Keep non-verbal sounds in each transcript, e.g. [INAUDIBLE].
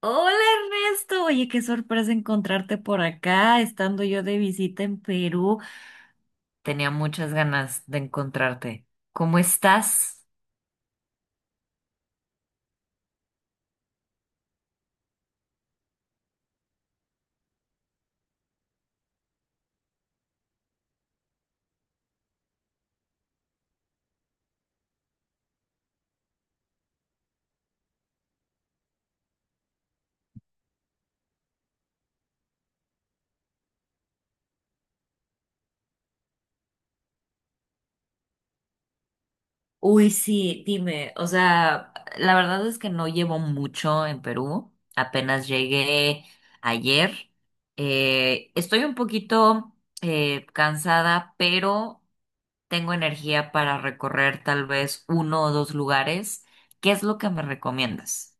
Hola Ernesto, oye, qué sorpresa encontrarte por acá, estando yo de visita en Perú. Tenía muchas ganas de encontrarte. ¿Cómo estás? Uy, sí, dime, o sea, la verdad es que no llevo mucho en Perú, apenas llegué ayer. Estoy un poquito cansada, pero tengo energía para recorrer tal vez uno o dos lugares. ¿Qué es lo que me recomiendas?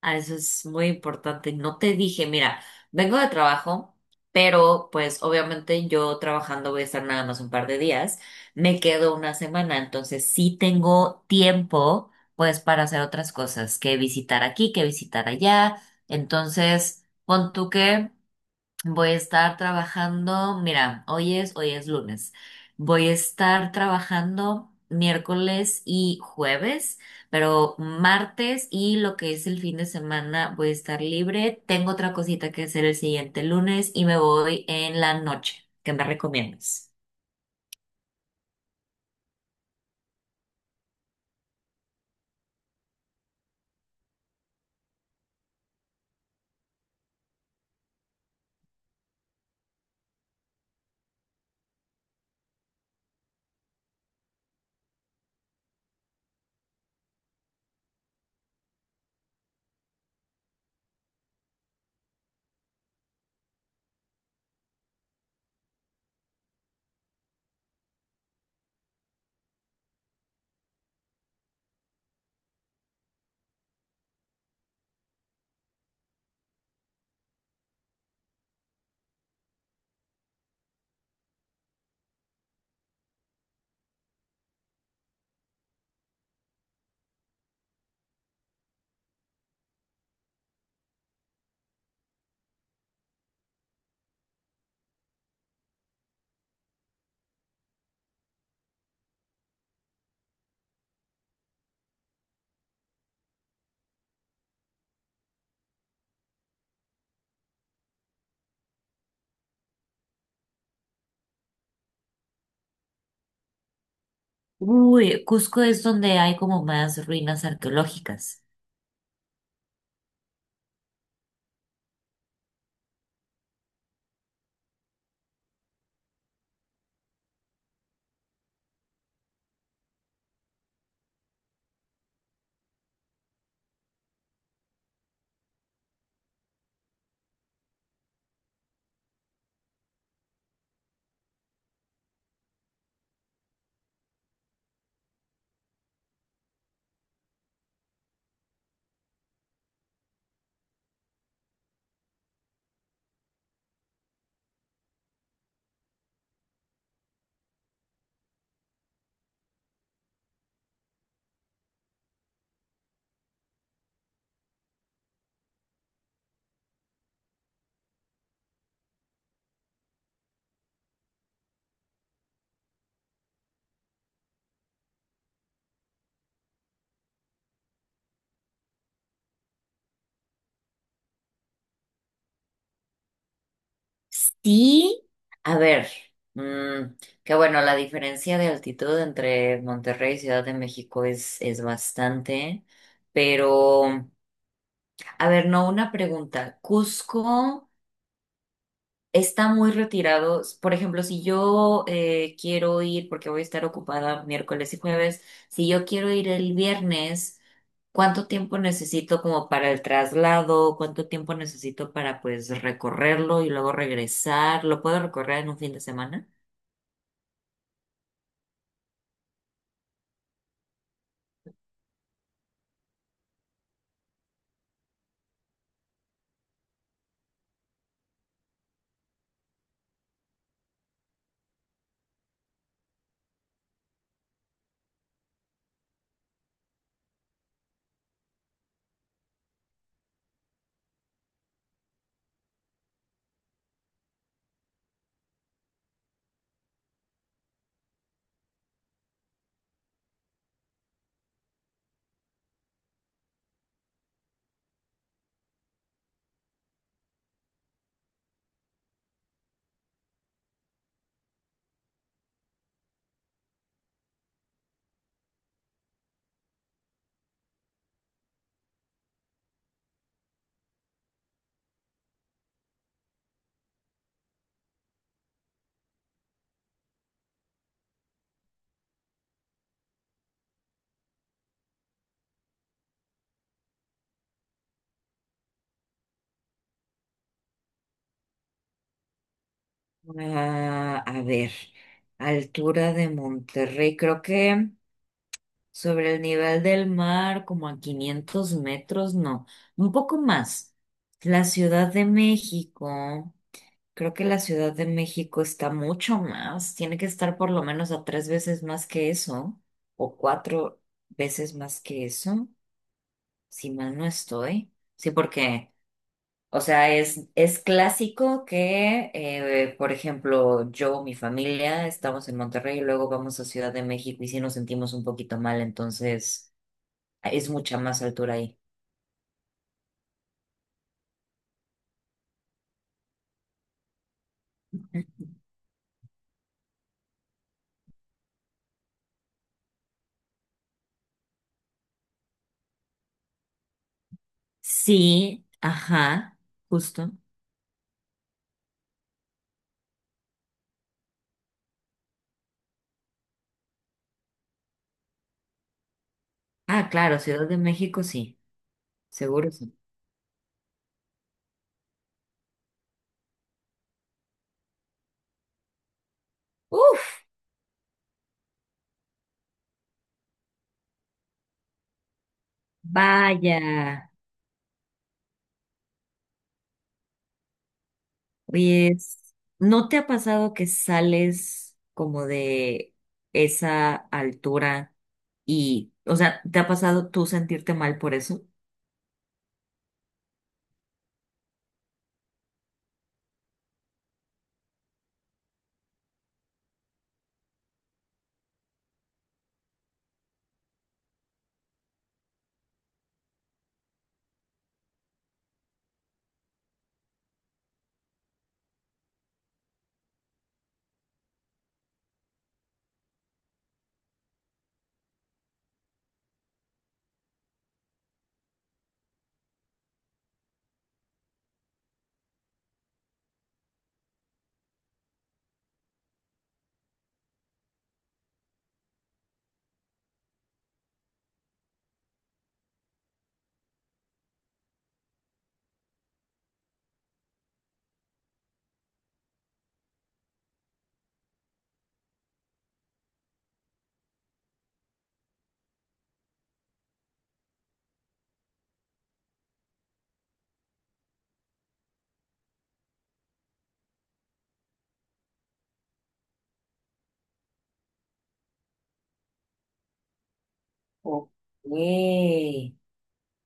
Ah, eso es muy importante. No te dije, mira, vengo de trabajo, pero pues obviamente yo trabajando voy a estar nada más un par de días. Me quedo una semana, entonces sí tengo tiempo pues para hacer otras cosas, que visitar aquí, que visitar allá. Entonces, pon tú que voy a estar trabajando, mira, hoy es lunes. Voy a estar trabajando miércoles y jueves, pero martes y lo que es el fin de semana voy a estar libre. Tengo otra cosita que hacer el siguiente lunes y me voy en la noche. ¿Qué me recomiendas? Uy, Cusco es donde hay como más ruinas arqueológicas. Sí, a ver, mm, que bueno, la diferencia de altitud entre Monterrey y Ciudad de México es bastante, pero, a ver, no, una pregunta. Cusco está muy retirado. Por ejemplo, si yo quiero ir, porque voy a estar ocupada miércoles y jueves, si yo quiero ir el viernes, ¿cuánto tiempo necesito como para el traslado? ¿Cuánto tiempo necesito para pues recorrerlo y luego regresar? ¿Lo puedo recorrer en un fin de semana? Ah, a ver, altura de Monterrey, creo que sobre el nivel del mar, como a 500 metros, no, un poco más. La Ciudad de México, creo que la Ciudad de México está mucho más, tiene que estar por lo menos a tres veces más que eso, o cuatro veces más que eso, si mal no estoy. Sí, porque o sea, es clásico que, por ejemplo, yo, mi familia, estamos en Monterrey y luego vamos a Ciudad de México y sí nos sentimos un poquito mal, entonces es mucha más altura ahí. Sí, ajá, justo. Ah, claro, Ciudad de México sí, seguro sí. Uf, vaya. Oye, ¿no te ha pasado que sales como de esa altura y, o sea, te ha pasado tú sentirte mal por eso? Ok.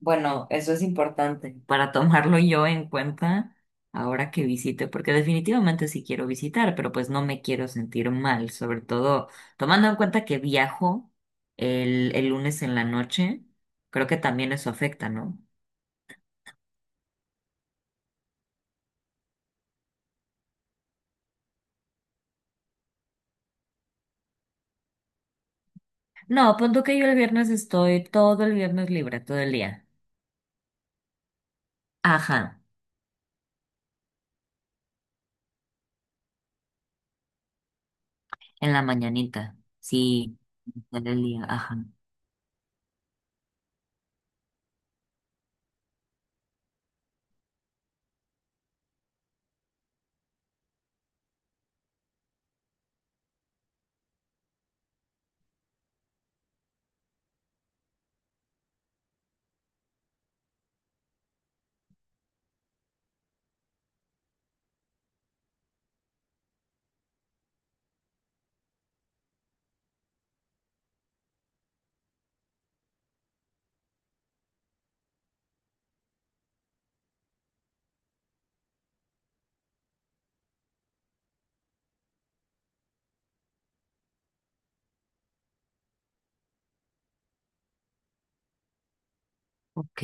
Bueno, eso es importante para tomarlo yo en cuenta ahora que visite, porque definitivamente sí quiero visitar, pero pues no me quiero sentir mal, sobre todo tomando en cuenta que viajo el lunes en la noche, creo que también eso afecta, ¿no? No, punto que yo el viernes estoy todo el viernes libre, todo el día. Ajá, en la mañanita, sí, todo el día, ajá. Ok,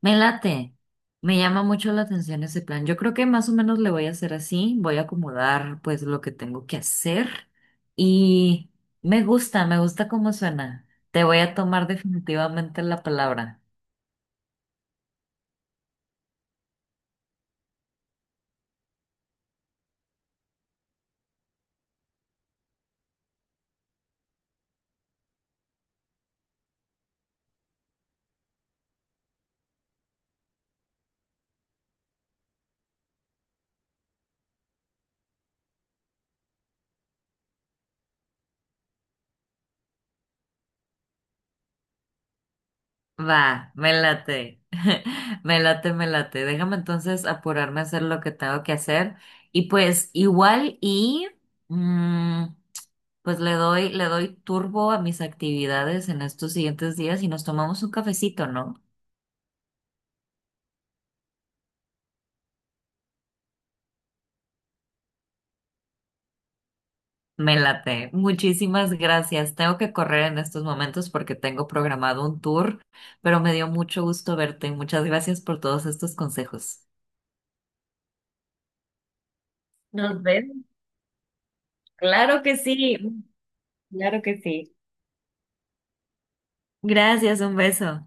me late, me llama mucho la atención ese plan. Yo creo que más o menos le voy a hacer así, voy a acomodar pues lo que tengo que hacer y me gusta cómo suena. Te voy a tomar definitivamente la palabra. Va, me late, [LAUGHS] me late, me late. Déjame entonces apurarme a hacer lo que tengo que hacer y pues igual y... mm, pues le doy turbo a mis actividades en estos siguientes días y nos tomamos un cafecito, ¿no? Me late. Muchísimas gracias. Tengo que correr en estos momentos porque tengo programado un tour, pero me dio mucho gusto verte. Muchas gracias por todos estos consejos. Nos vemos. Claro que sí, claro que sí. Gracias, un beso.